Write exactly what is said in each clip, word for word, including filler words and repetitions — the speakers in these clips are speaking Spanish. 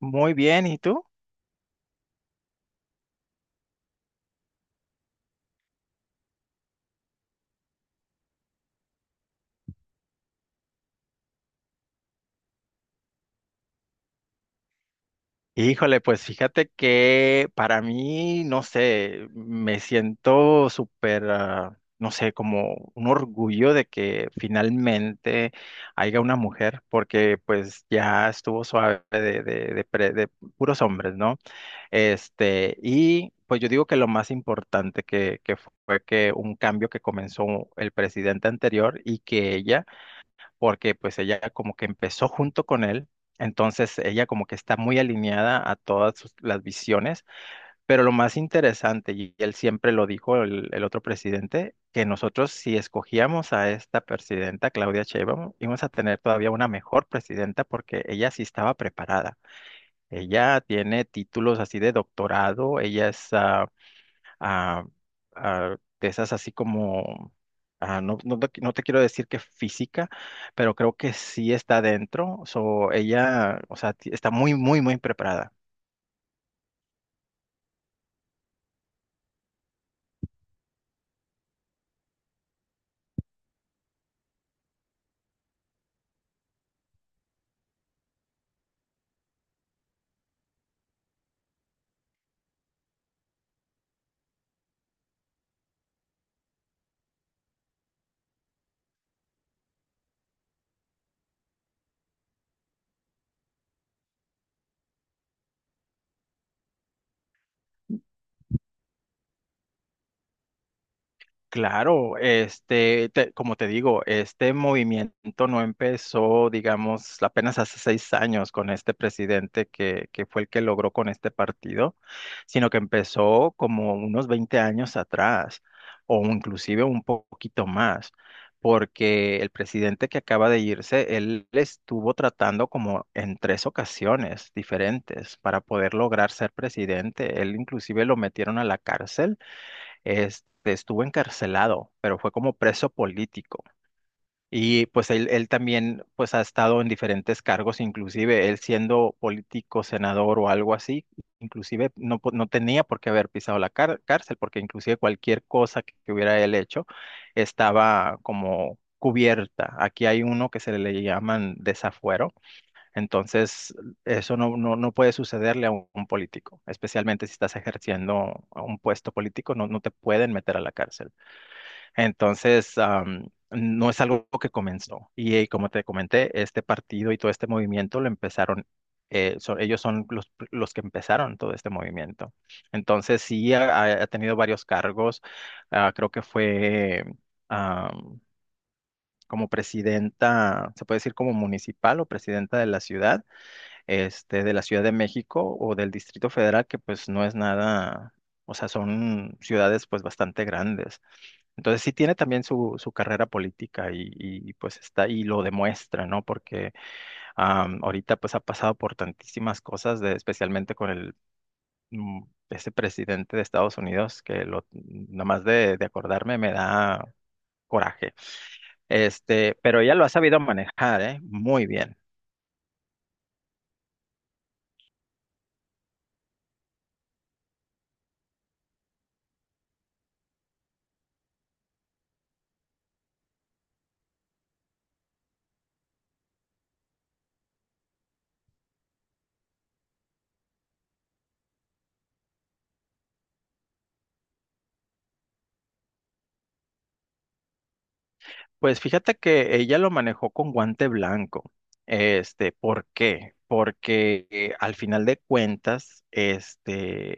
Muy bien, ¿y tú? Híjole, pues fíjate que para mí, no sé, me siento súper, ah, no sé, como un orgullo de que finalmente haya una mujer, porque pues ya estuvo suave de, de, de pre- de puros hombres, ¿no? Este, y pues yo digo que lo más importante que, que fue que un cambio que comenzó el presidente anterior y que ella porque pues ella como que empezó junto con él, entonces ella como que está muy alineada a todas sus- las visiones, pero lo más interesante, y él siempre lo dijo, el, el otro presidente, que nosotros si escogíamos a esta presidenta, Claudia Sheinbaum, íbamos a tener todavía una mejor presidenta porque ella sí estaba preparada. Ella tiene títulos así de doctorado, ella es ah, a, a de esas así como, ah, no, no, te no te quiero decir que física, pero creo que sí está dentro. So, ella, o sea, ti- está muy, muy, muy preparada. Claro, este, te- como te digo, este movimiento no empezó, digamos, apenas hace seis años con este presidente que, que fue el que logró con este partido, sino que empezó como unos veinte años atrás, o inclusive un poquito más, porque el presidente que acaba de irse, él estuvo tratando como en tres ocasiones diferentes para poder lograr ser presidente. Él inclusive lo metieron a la cárcel, este, estuvo encarcelado, pero fue como preso político. Y pues él, él también pues ha estado en diferentes cargos, inclusive él siendo político, senador o algo así, inclusive no, po- no tenía por qué haber pisado la car- cárcel, porque inclusive cualquier cosa que, que hubiera él hecho estaba como cubierta. Aquí hay uno que se le llaman desafuero, entonces, eso no, no, no puede sucederle a un, un político, especialmente si estás ejerciendo a un puesto político, no, no te pueden meter a la cárcel. Entonces, am, no es algo que comenzó. Y, eh, como te comenté, este partido y todo este movimiento lo empezaron, eh, son- ellos son los, pr- los que empezaron todo este movimiento. Entonces, sí, ha, ha- ha tenido varios cargos. Ah, creo que fue... am, como presidenta, se puede decir como municipal o presidenta de la ciudad, este, de la Ciudad de México o del Distrito Federal, que pues no es nada, o sea, son ciudades pues bastante grandes. Entonces sí tiene también su, su carrera política y, y, pues está y lo demuestra, ¿no? Porque am, ahorita pues ha pasado por tantísimas cosas, de, especialmente con el... mm, ese presidente de Estados Unidos que lo, nomás de, de acordarme me da coraje. Este, pero ella lo ha sabido manejar, ¿eh? Muy bien. Pues fíjate que ella lo manejó con guante blanco. Este, ¿por qué? Porque eh, al final de cuentas, este,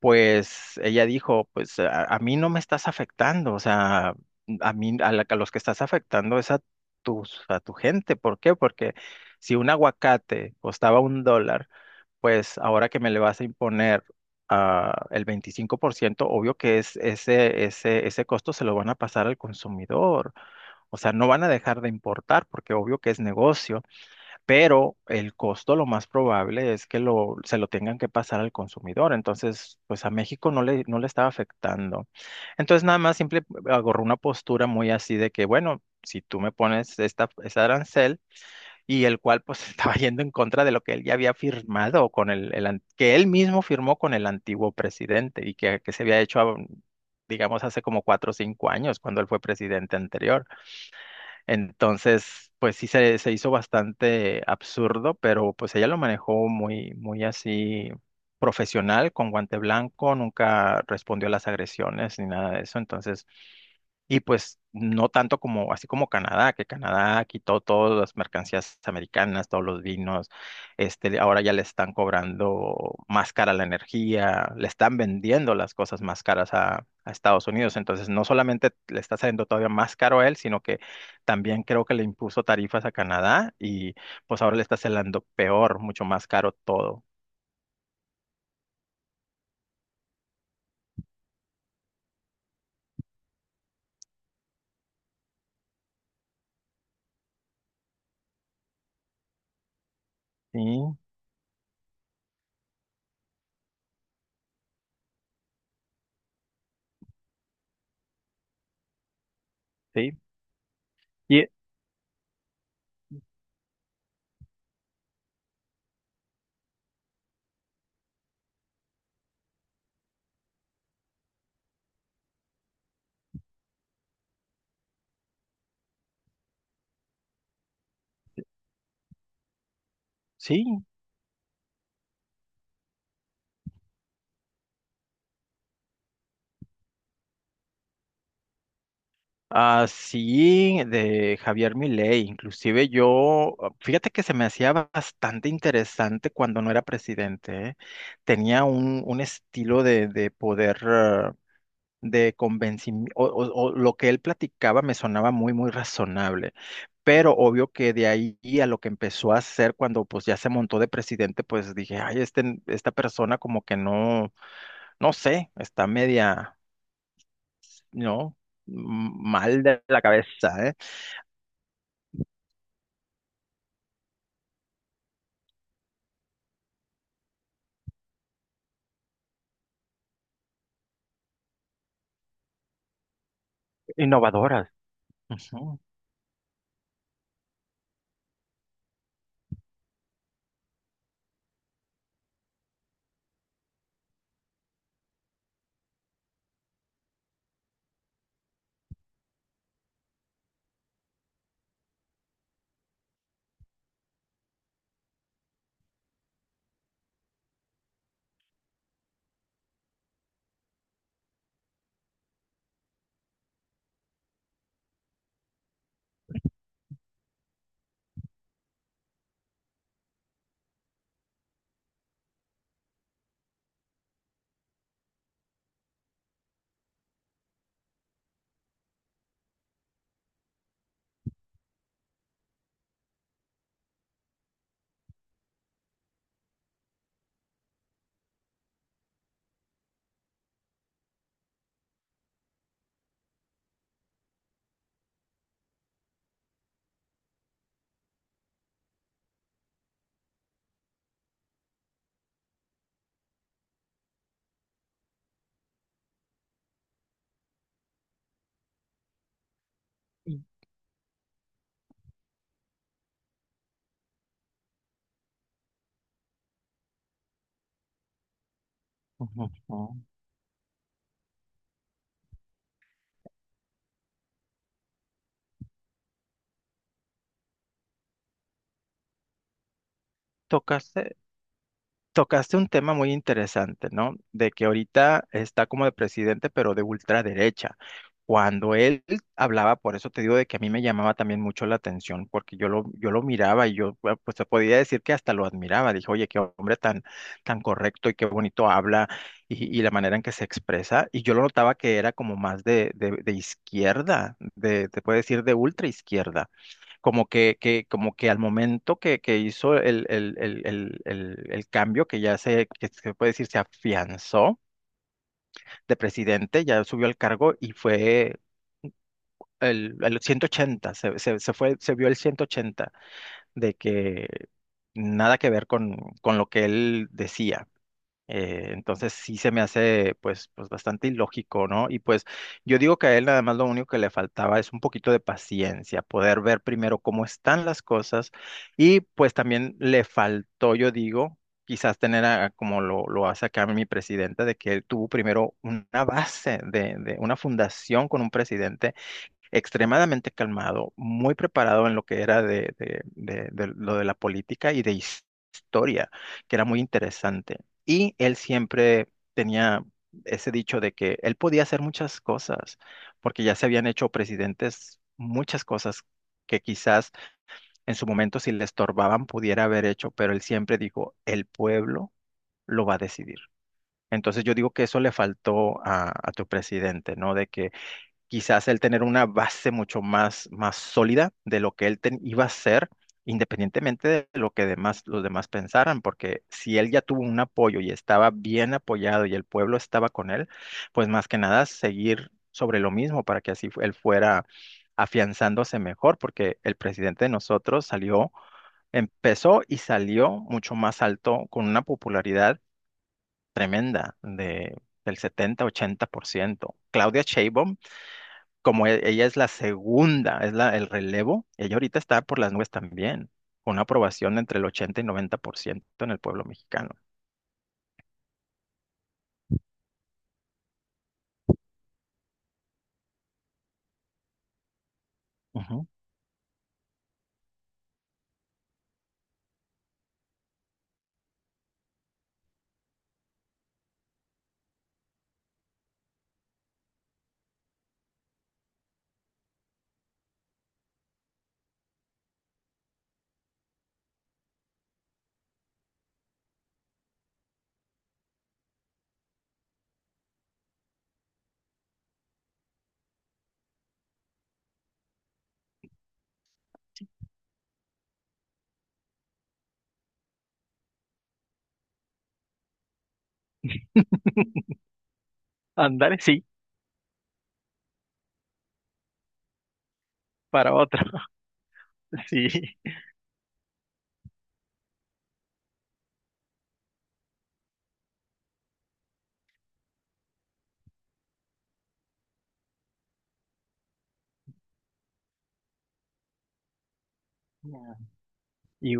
pues ella dijo, pues a, a mí no me estás afectando, o sea, a mí, a, la- a los que estás afectando es a tus, a tu gente. ¿Por qué? Porque si un aguacate costaba un dólar, pues ahora que me le vas a imponer ah, el veinticinco por ciento, obvio que es ese, ese, ese costo se lo van a pasar al consumidor. O sea, no van a dejar de importar porque obvio que es negocio, pero el costo lo más probable es que lo, se lo tengan que pasar al consumidor. Entonces, pues a México no le, no le estaba afectando. Entonces, nada más simple agarró una postura muy así de que, bueno, si tú me pones esta, este arancel y el cual pues estaba yendo en contra de lo que él ya había firmado con el, el an- que él mismo firmó con el antiguo presidente y que, que se había hecho, digamos, hace como cuatro o cinco años cuando él fue presidente anterior. Entonces, pues sí se, se hizo bastante absurdo, pero pues ella lo manejó muy, muy así profesional, con guante blanco, nunca respondió a las agresiones ni nada de eso. Entonces, y pues no tanto como, así como Canadá, que Canadá quitó todas las mercancías americanas, todos los vinos, este, ahora ya le están cobrando más cara la energía, le están vendiendo las cosas más caras a, a Estados Unidos. Entonces, no solamente le está saliendo todavía más caro a él, sino que también creo que le impuso tarifas a Canadá y pues ahora le está saliendo peor, mucho más caro todo. Sí, sí. Y sí, así de Javier Milei, inclusive yo, ah, fíjate que se me hacía bastante interesante cuando no era presidente, ¿eh? Tenía un, un estilo de, de poder, ah, de convencimiento, o, o- o lo que él platicaba me sonaba muy, muy razonable, pero obvio que de ahí a lo que empezó a hacer cuando pues ya se montó de presidente, pues dije, ay, este, esta persona como que no, no sé, está media, ¿no? m- mal de la cabeza, ¿eh? Innovadoras. Ujú, ujú, ujú. Tocaste, tocaste un tema muy interesante, ¿no? De que ahorita está como de presidente, pero de ultraderecha. Cuando él hablaba, por eso te digo de que a mí me llamaba también mucho la atención, porque yo lo, yo lo miraba y yo, bueno, pues te podía decir que hasta lo admiraba. Dije, oye, qué hombre tan, tan correcto y qué bonito habla y, y la manera en que se expresa. Y yo lo notaba que era como más de, de, de izquierda, de, te puede decir de ultra izquierda como que, que, como que al momento que, que hizo el, el, el, el, el- el cambio, que ya se, que se puede decir, se afianzó de presidente, ya subió al cargo y fue el, el ciento ochenta se, se, se fue, se vio el ciento ochenta de que nada que ver con, con lo que él decía. Eh, entonces sí se me hace pues, pues bastante ilógico, ¿no? Y pues yo digo que a él nada más lo único que le faltaba es un poquito de paciencia, poder ver primero cómo están las cosas y pues también le faltó, yo digo, quizás tener a- como lo, lo hace acá mi presidente, de que él tuvo primero una base de, de una fundación con un presidente extremadamente calmado, muy preparado en lo que era de, de- de- de lo de la política y de his- historia, que era muy interesante. Y él siempre tenía ese dicho de que él podía hacer muchas cosas, porque ya se habían hecho presidentes muchas cosas que quizás en su momento si le estorbaban pudiera haber hecho, pero él siempre dijo, el pueblo lo va a decidir. Entonces yo digo que eso le faltó a, a tu presidente, ¿no? De que quizás él tener una base mucho más, más sólida de lo que él ten- iba a ser, independientemente de lo que demás, los demás pensaran, porque si él ya tuvo un apoyo y estaba bien apoyado y el pueblo estaba con él, pues más que nada seguir sobre lo mismo para que así fu- él fuera afianzándose mejor, porque el presidente de nosotros salió, empezó y salió mucho más alto con una popularidad tremenda de, del setenta ochenta por ciento. Claudia Sheinbaum, como e- ella es la segunda, es la, el relevo, ella ahorita está por las nubes también, con una aprobación de entre el ochenta y noventa por ciento en el pueblo mexicano. Ujú. Andar, sí, para otra, sí. Ya. Y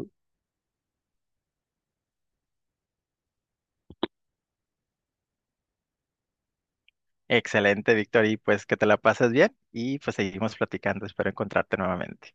excelente, Víctor, y pues que te la pases bien y pues seguimos platicando, espero encontrarte nuevamente.